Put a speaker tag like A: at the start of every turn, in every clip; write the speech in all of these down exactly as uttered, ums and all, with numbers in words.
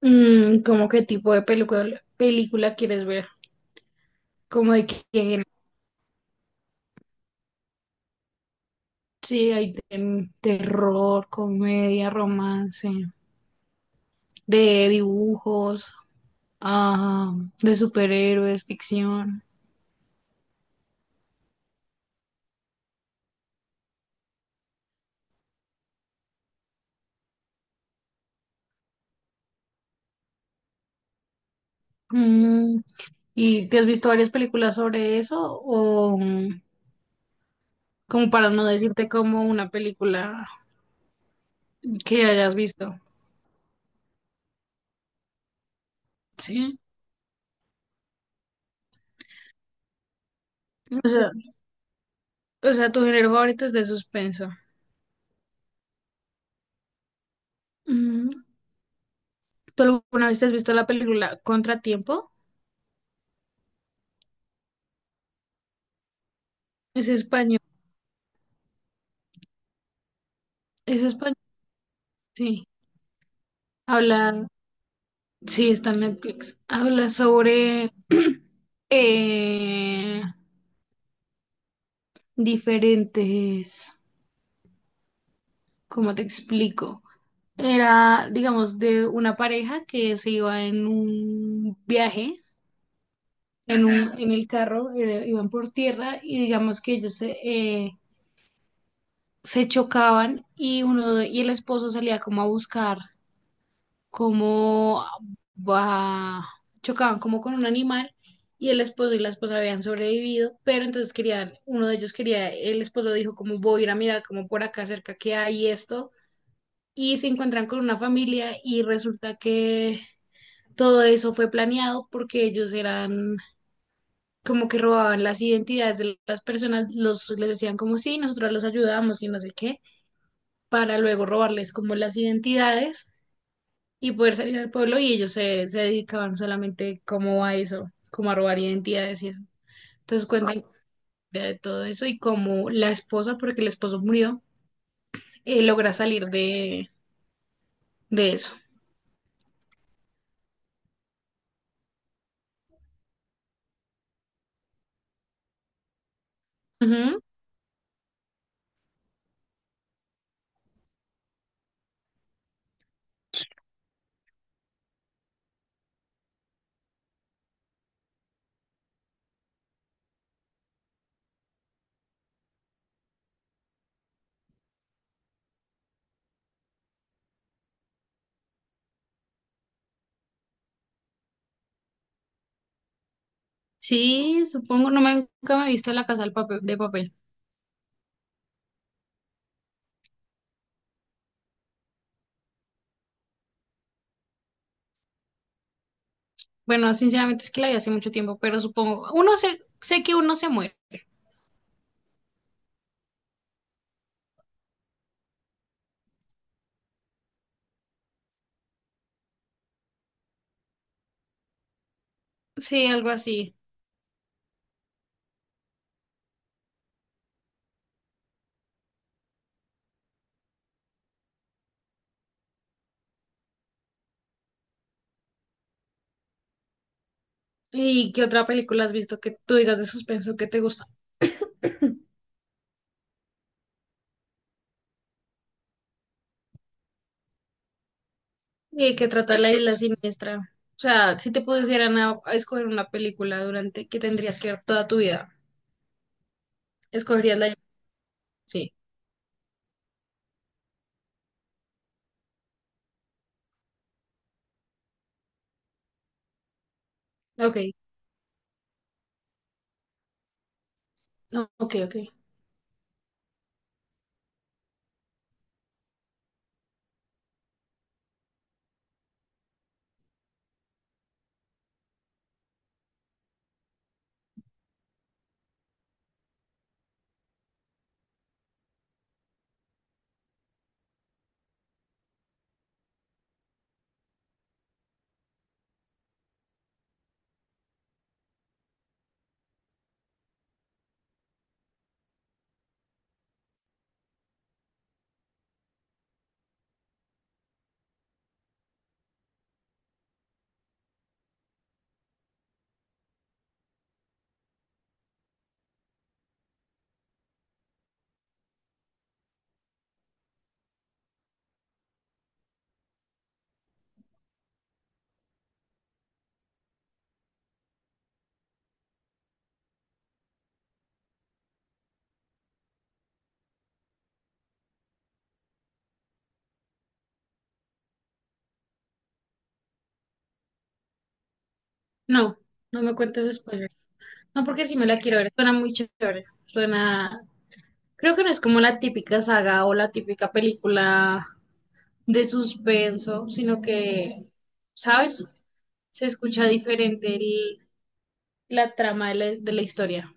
A: Mm, ¿cómo qué tipo de película, película quieres ver? Como de que, sí, hay de- terror, comedia, romance, de dibujos, ah, de superhéroes, ficción. Mm, ¿y te has visto varias películas sobre eso? O mm, como para no decirte como una película que hayas visto. Sí. O sea, o sea, tu género favorito es de suspenso. Mm, ¿tú alguna vez te has visto la película Contratiempo? Es español, es español, sí. Habla, sí, está en Netflix. Habla sobre eh, diferentes, ¿cómo te explico? Era, digamos, de una pareja que se iba en un viaje, en un, en el carro, eh, iban por tierra y digamos que ellos se, eh, se chocaban y uno de- y el esposo salía como a buscar. como bah, chocaban como con un animal y el esposo y la esposa habían sobrevivido, pero entonces querían, uno de ellos quería, el esposo dijo como voy a ir a mirar como por acá cerca que hay esto y se encuentran con una familia y resulta que todo eso fue planeado porque ellos eran como que robaban las identidades de las personas, los les decían como sí, nosotros los ayudamos y no sé qué, para luego robarles como las identidades y poder salir al pueblo y ellos se, se dedicaban solamente como a eso, como a robar identidades y eso. Entonces cuentan de todo eso y cómo la esposa, porque el esposo murió, eh, logra salir de, de eso. Ujú. Sí, supongo, no me, nunca me he visto la casa del papel, de papel. Bueno, sinceramente es que la vi hace mucho tiempo, pero supongo, uno se, sé que uno se muere. Sí, algo así. ¿Y qué otra película has visto que tú digas de suspenso que te gusta? Y hay que tratar la isla siniestra. O sea, si te pusieran a, a escoger una película durante que tendrías que ver toda tu vida, ¿escogerías la isla? Sí. Ok. No, ok, ok. No, no me cuentes spoiler. No, porque si me la quiero ver. Suena muy chévere. Suena. Creo que no es como la típica saga o la típica película de suspenso, sino que, ¿sabes? Se escucha diferente el- la trama de la, de la historia.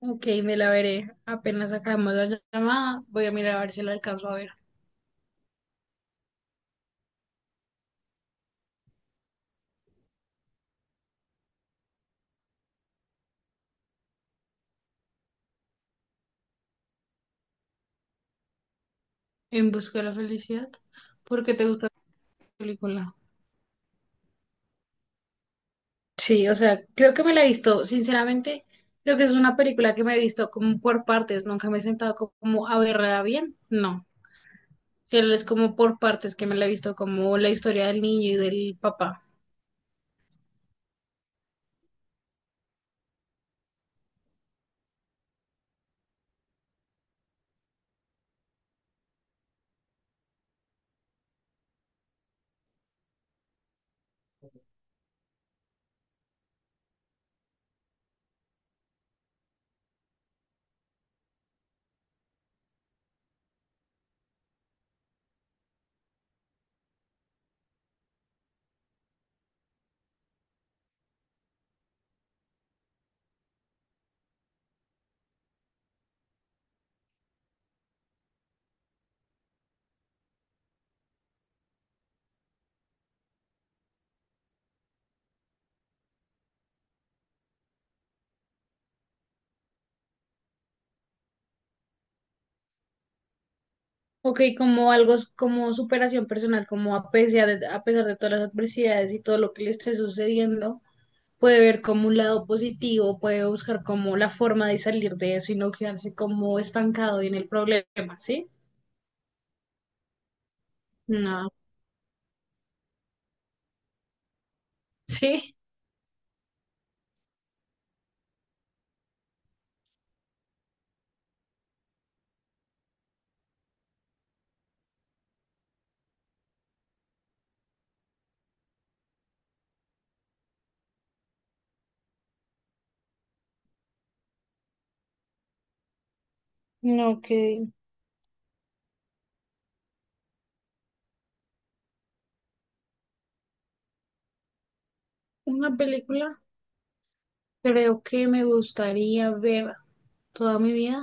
A: Ok, me la veré. Apenas acabemos la llamada, voy a mirar a ver si la alcanzo a ver. En busca de la felicidad. ¿Por qué te gusta la película? Sí, o sea, creo que me la he visto, sinceramente, creo que es una película que me he visto como por partes, nunca me he sentado co- como a verla bien, no. Solo es como por partes que me la he visto, como la historia del niño y del papá. Ok, como algo, s- como superación personal, como a pesar de, a pesar de todas las adversidades y todo lo que le esté sucediendo. Puede ver como un lado positivo, puede buscar como la forma de salir de eso y no quedarse como estancado en el problema, ¿sí? No, sí. No, que una película creo que me gustaría ver toda mi vida.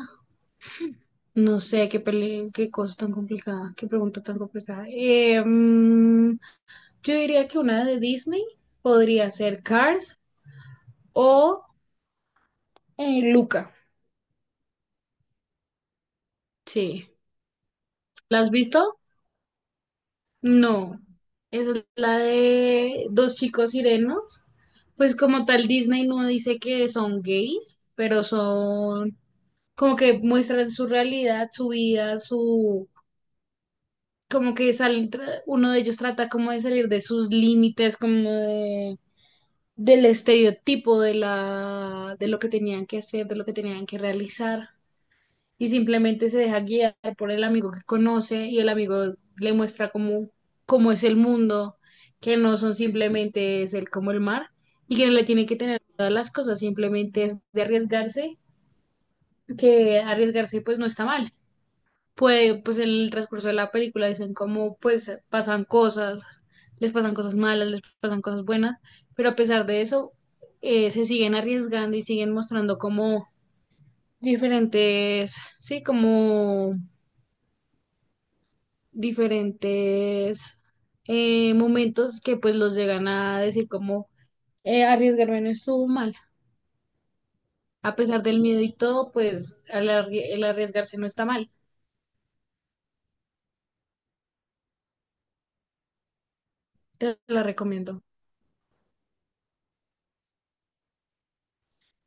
A: No sé qué peli- qué cosa tan complicada, qué pregunta tan complicada. Eh, mm, yo diría que una de Disney podría ser Cars o eh, Luca. Sí. ¿La has visto? No, esa es la de dos chicos sirenos. Pues como tal, Disney no dice que son gays, pero son como que muestran su realidad, su vida, su... Como que salen, tra- uno de ellos trata como de salir de sus límites, como de- del estereotipo de la, de lo que tenían que hacer, de lo que tenían que realizar. Y simplemente se deja guiar por el amigo que conoce y el amigo le muestra cómo, cómo es el mundo, que no son simplemente es el como el mar y que no le tiene que tener todas las cosas, simplemente es de arriesgarse, que arriesgarse pues no está mal. Puede, pues en el transcurso de la película dicen cómo pues pasan cosas, les pasan cosas malas, les pasan cosas buenas, pero a pesar de eso eh, se siguen arriesgando y siguen mostrando como diferentes, sí, como diferentes eh, momentos que pues los llegan a decir como eh, arriesgarme no estuvo mal. A pesar del miedo y todo, pues al arri- el arriesgarse no está mal. Te la recomiendo.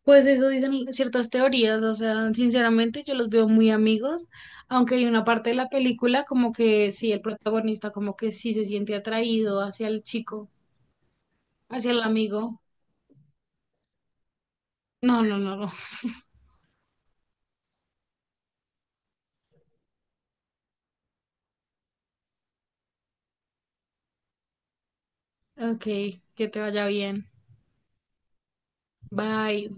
A: Pues eso dicen ciertas teorías, o sea, sinceramente yo los veo muy amigos, aunque hay una parte de la película como que sí, el protagonista como que sí se siente atraído hacia el chico, hacia el amigo. No, no, no, no. Ok, que te vaya bien. Bye.